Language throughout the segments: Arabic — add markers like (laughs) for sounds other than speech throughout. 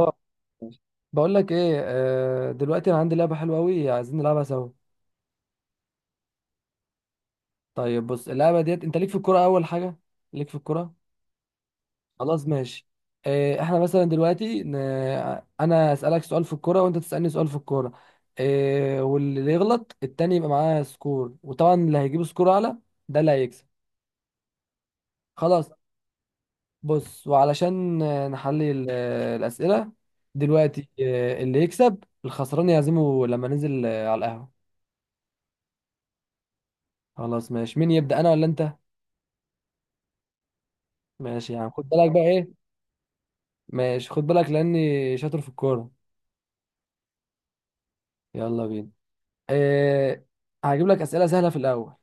آه، بقول لك ايه، دلوقتي انا عندي لعبه حلوه قوي عايزين نلعبها سوا. طيب بص اللعبه ديت انت ليك في الكوره اول حاجه، ليك في الكوره. خلاص ماشي. احنا مثلا دلوقتي انا اسالك سؤال في الكوره وانت تسالني سؤال في الكوره. واللي يغلط التاني يبقى معاه سكور، وطبعا اللي هيجيب سكور اعلى ده اللي هيكسب. خلاص. بص، وعلشان نحلي الاسئله، دلوقتي اللي يكسب الخسران يعزمه لما ننزل على القهوه. خلاص ماشي، مين يبدأ انا ولا انت؟ ماشي يا عم، خد بالك بقى. ايه، ماشي، خد بالك لاني شاطر في الكورة. يلا بينا. إيه، هجيب لك أسئلة سهلة في الأول.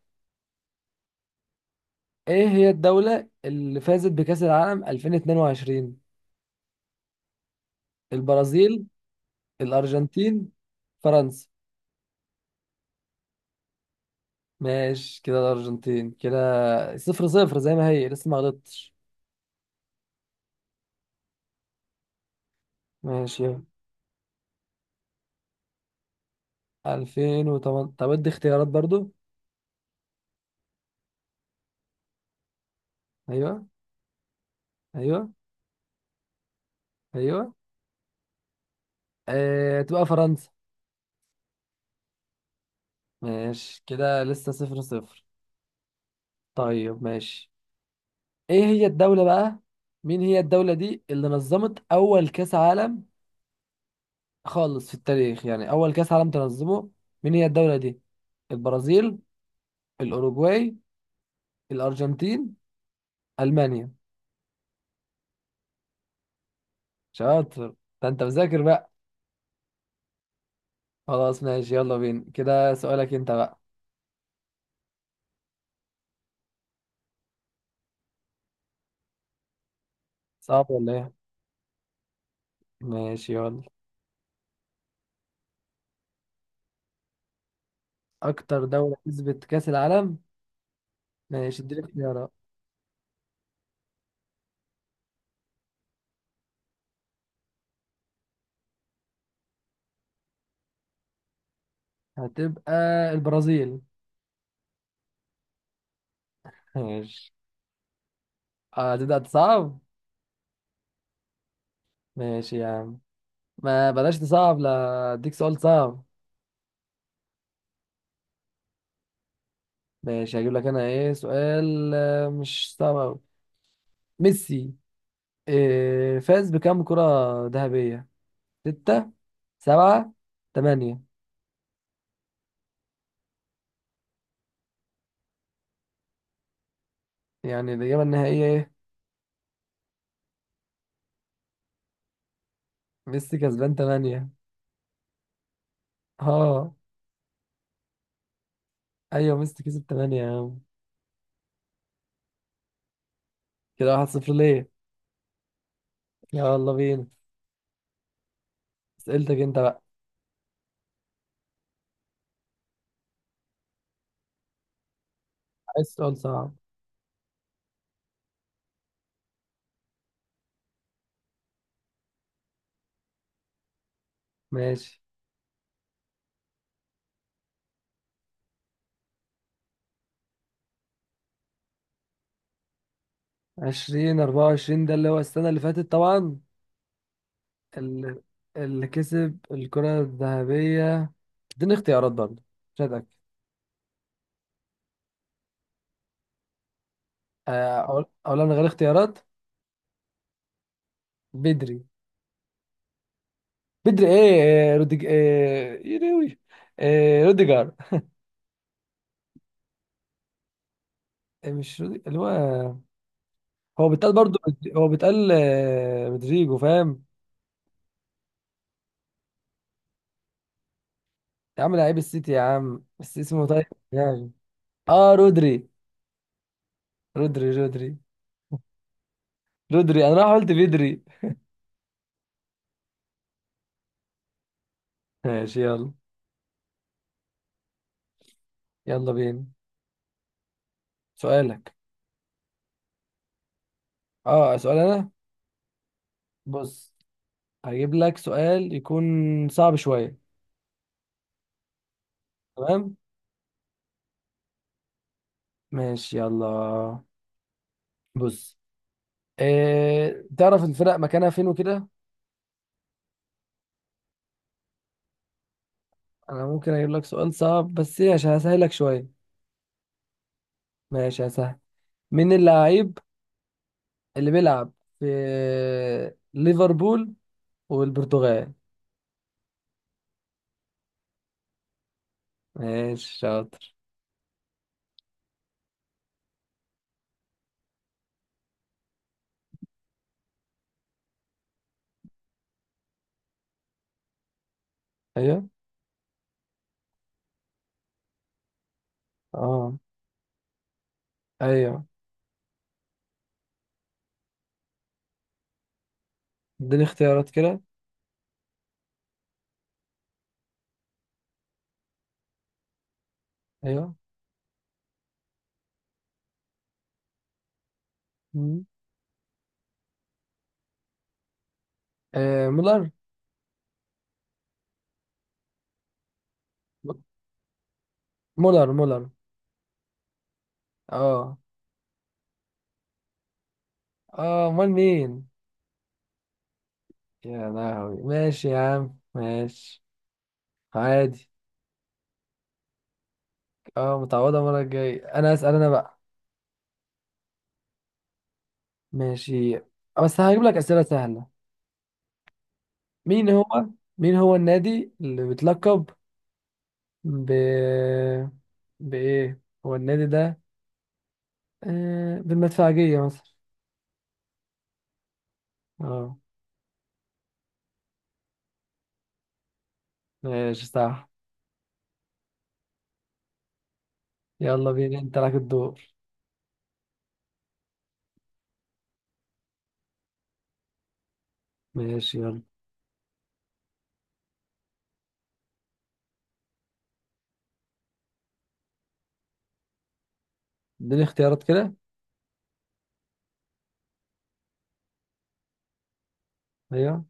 ايه هي الدولة اللي فازت بكأس العالم 2022؟ البرازيل، الأرجنتين، فرنسا. ماشي كده، الأرجنتين كده. صفر صفر زي ما هي، لسه ما غلطتش. ماشي يلا. 2008؟ طب ادي اختيارات برضو. ايوه. ايوه. ايوه. إيه، تبقى فرنسا. ماشي كده لسه صفر صفر. طيب ماشي. ايه هي الدولة بقى، مين هي الدولة دي اللي نظمت اول كاس عالم خالص في التاريخ، يعني اول كاس عالم تنظمه؟ مين هي الدولة دي؟ البرازيل، الاوروجواي، الارجنتين، المانيا. شاطر، ده انت مذاكر بقى. خلاص ماشي، يلا بينا كده سؤالك انت بقى. صعب ولا ايه؟ ماشي يلا. اكتر دولة كسبت كاس العالم؟ ماشي اديني اختيارات. هتبقى البرازيل. ماشي. هتبدأ تصعب. ماشي يا عم، ما بلاش تصعب، لا اديك سؤال صعب. ماشي، هجيب لك انا ايه سؤال مش صعب أوي. ميسي إيه فاز بكام كرة ذهبية؟ ستة، سبعة، تمانية؟ يعني الإجابة النهائية ايه؟ ميسي كسبان تمانية. اه، ايوه ميسي كسب تمانية يا عم. كده واحد صفر ليه. يلا بينا، اسئلتك انت بقى. عايز سؤال صعب. ماشي. 2024، ده اللي هو السنة اللي فاتت طبعا. ال- اللي كسب الكرة الذهبية. اديني اختيارات برضه، مش هتأكد. أقول، أنا من غير اختيارات. بدري. بدري إيه، روديج، إيه، يروي، إيه روديجر. إيه مش اللي هو، هو بيتقال برضه، هو بيتقال رودريجو، فاهم؟ يا عم لعيب السيتي يا عم، بس اسمه طيب يعني. آه، رودري رودري رودري، أنا راح قلت بدري. ماشي يلا. يلا بينا. سؤالك. آه، سؤال أنا. بص، هجيب لك سؤال يكون صعب شوية. تمام، ماشي يلا. بص، إيه تعرف الفرق مكانها فين وكده؟ انا ممكن اجيب لك سؤال صعب بس ايه، عشان هسهلك شوية. ماشي هسهل. مين اللاعب اللي بيلعب في ليفربول والبرتغال؟ ماشي شاطر. ايوه. اه. ايوه. اديني اختيارات كده. ايوه. مم. إيه مولر. مولر. اه. اه، امال مين؟ يا لهوي، ماشي يا عم ماشي. عادي. اه، متعوضة المرة الجاية انا اسأل انا بقى. ماشي، بس هجيب لك اسئلة سهلة. مين هو، مين هو النادي اللي بيتلقب ب، بايه هو النادي ده بالمدفعجية مثلا؟ اه ماشي، صح. يلا بينا، انت لك الدور. ماشي يلا. اديني اختيارات كده. ايوه.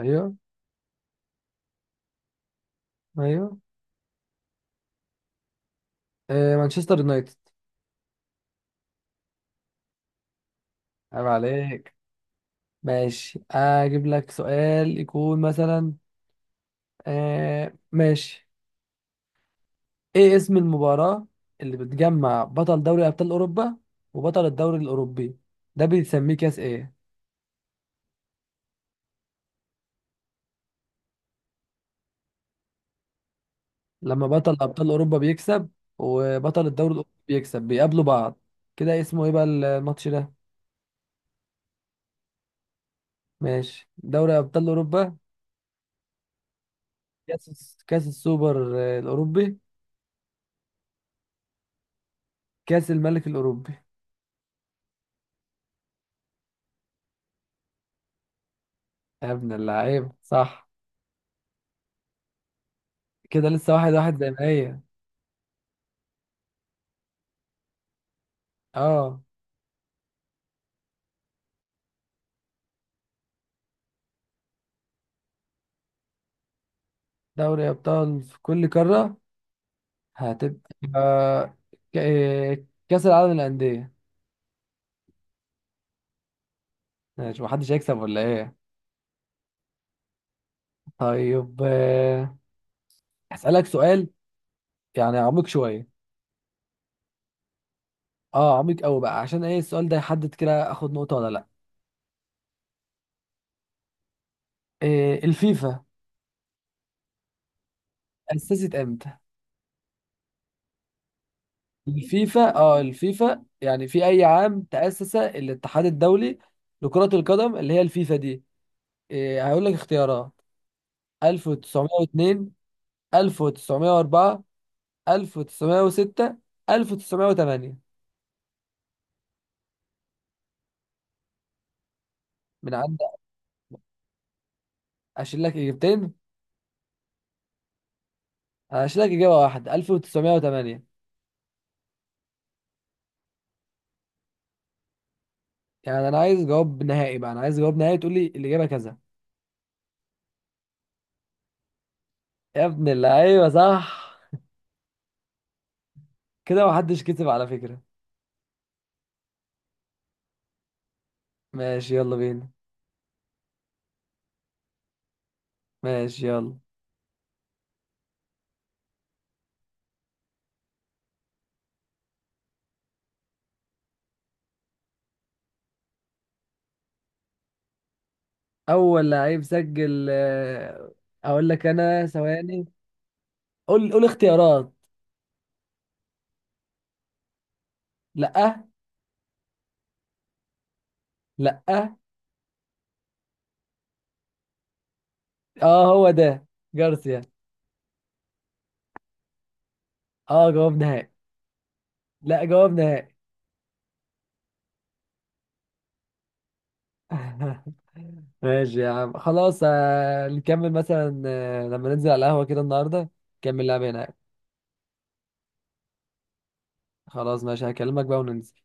ايوه. ايوه. آه... مانشستر يونايتد. عيب عليك. ماشي، اجيب لك سؤال يكون مثلا، آه ماشي. ايه اسم المباراة اللي بتجمع بطل دوري ابطال اوروبا وبطل الدوري الاوروبي؟ ده بيتسميه كاس ايه؟ لما بطل ابطال اوروبا بيكسب وبطل الدوري الاوروبي بيكسب، بيقابلوا بعض، كده اسمه ايه بقى الماتش ده؟ ماشي، دوري ابطال اوروبا، كاس السوبر الاوروبي، كاس الملك الاوروبي. يا ابن اللعيبة، صح. كده لسه واحد واحد زي ما هي. اه، دوري أبطال في كل قارة. هتبقى كأس العالم للأندية. ماشي، محدش هيكسب ولا إيه؟ طيب، آه، هسألك سؤال يعني عميق شوية. اه عميق أوي بقى، عشان إيه السؤال ده يحدد كده آخد نقطة ولا لأ. إيه الفيفا أسست إمتى؟ الفيفا، اه، الفيفا يعني في أي عام تأسس الاتحاد الدولي لكرة القدم اللي هي الفيفا دي؟ إيه هقول لك اختيارات، 1902، 1904، 1906، 1908. من عندك؟ اشيل لك اجابتين. هشيل لك اجابه واحده، 1908. يعني انا عايز جواب نهائي بقى، انا عايز جواب نهائي تقول لي الاجابه كذا. يا ابن اللعيبه، صح. كده محدش كتب على فكره. ماشي يلا بينا. ماشي يلا. اول لعيب سجل، اقول لك انا ثواني. قول اختيارات. لا. لا. اه هو ده، جارسيا. اه جواب نهائي. لا جواب نهائي. (laughs) ماشي يا عم خلاص، نكمل مثلا لما ننزل على القهوة كده النهاردة، نكمل لعبة هناك. خلاص ماشي، هكلمك بقى وننزل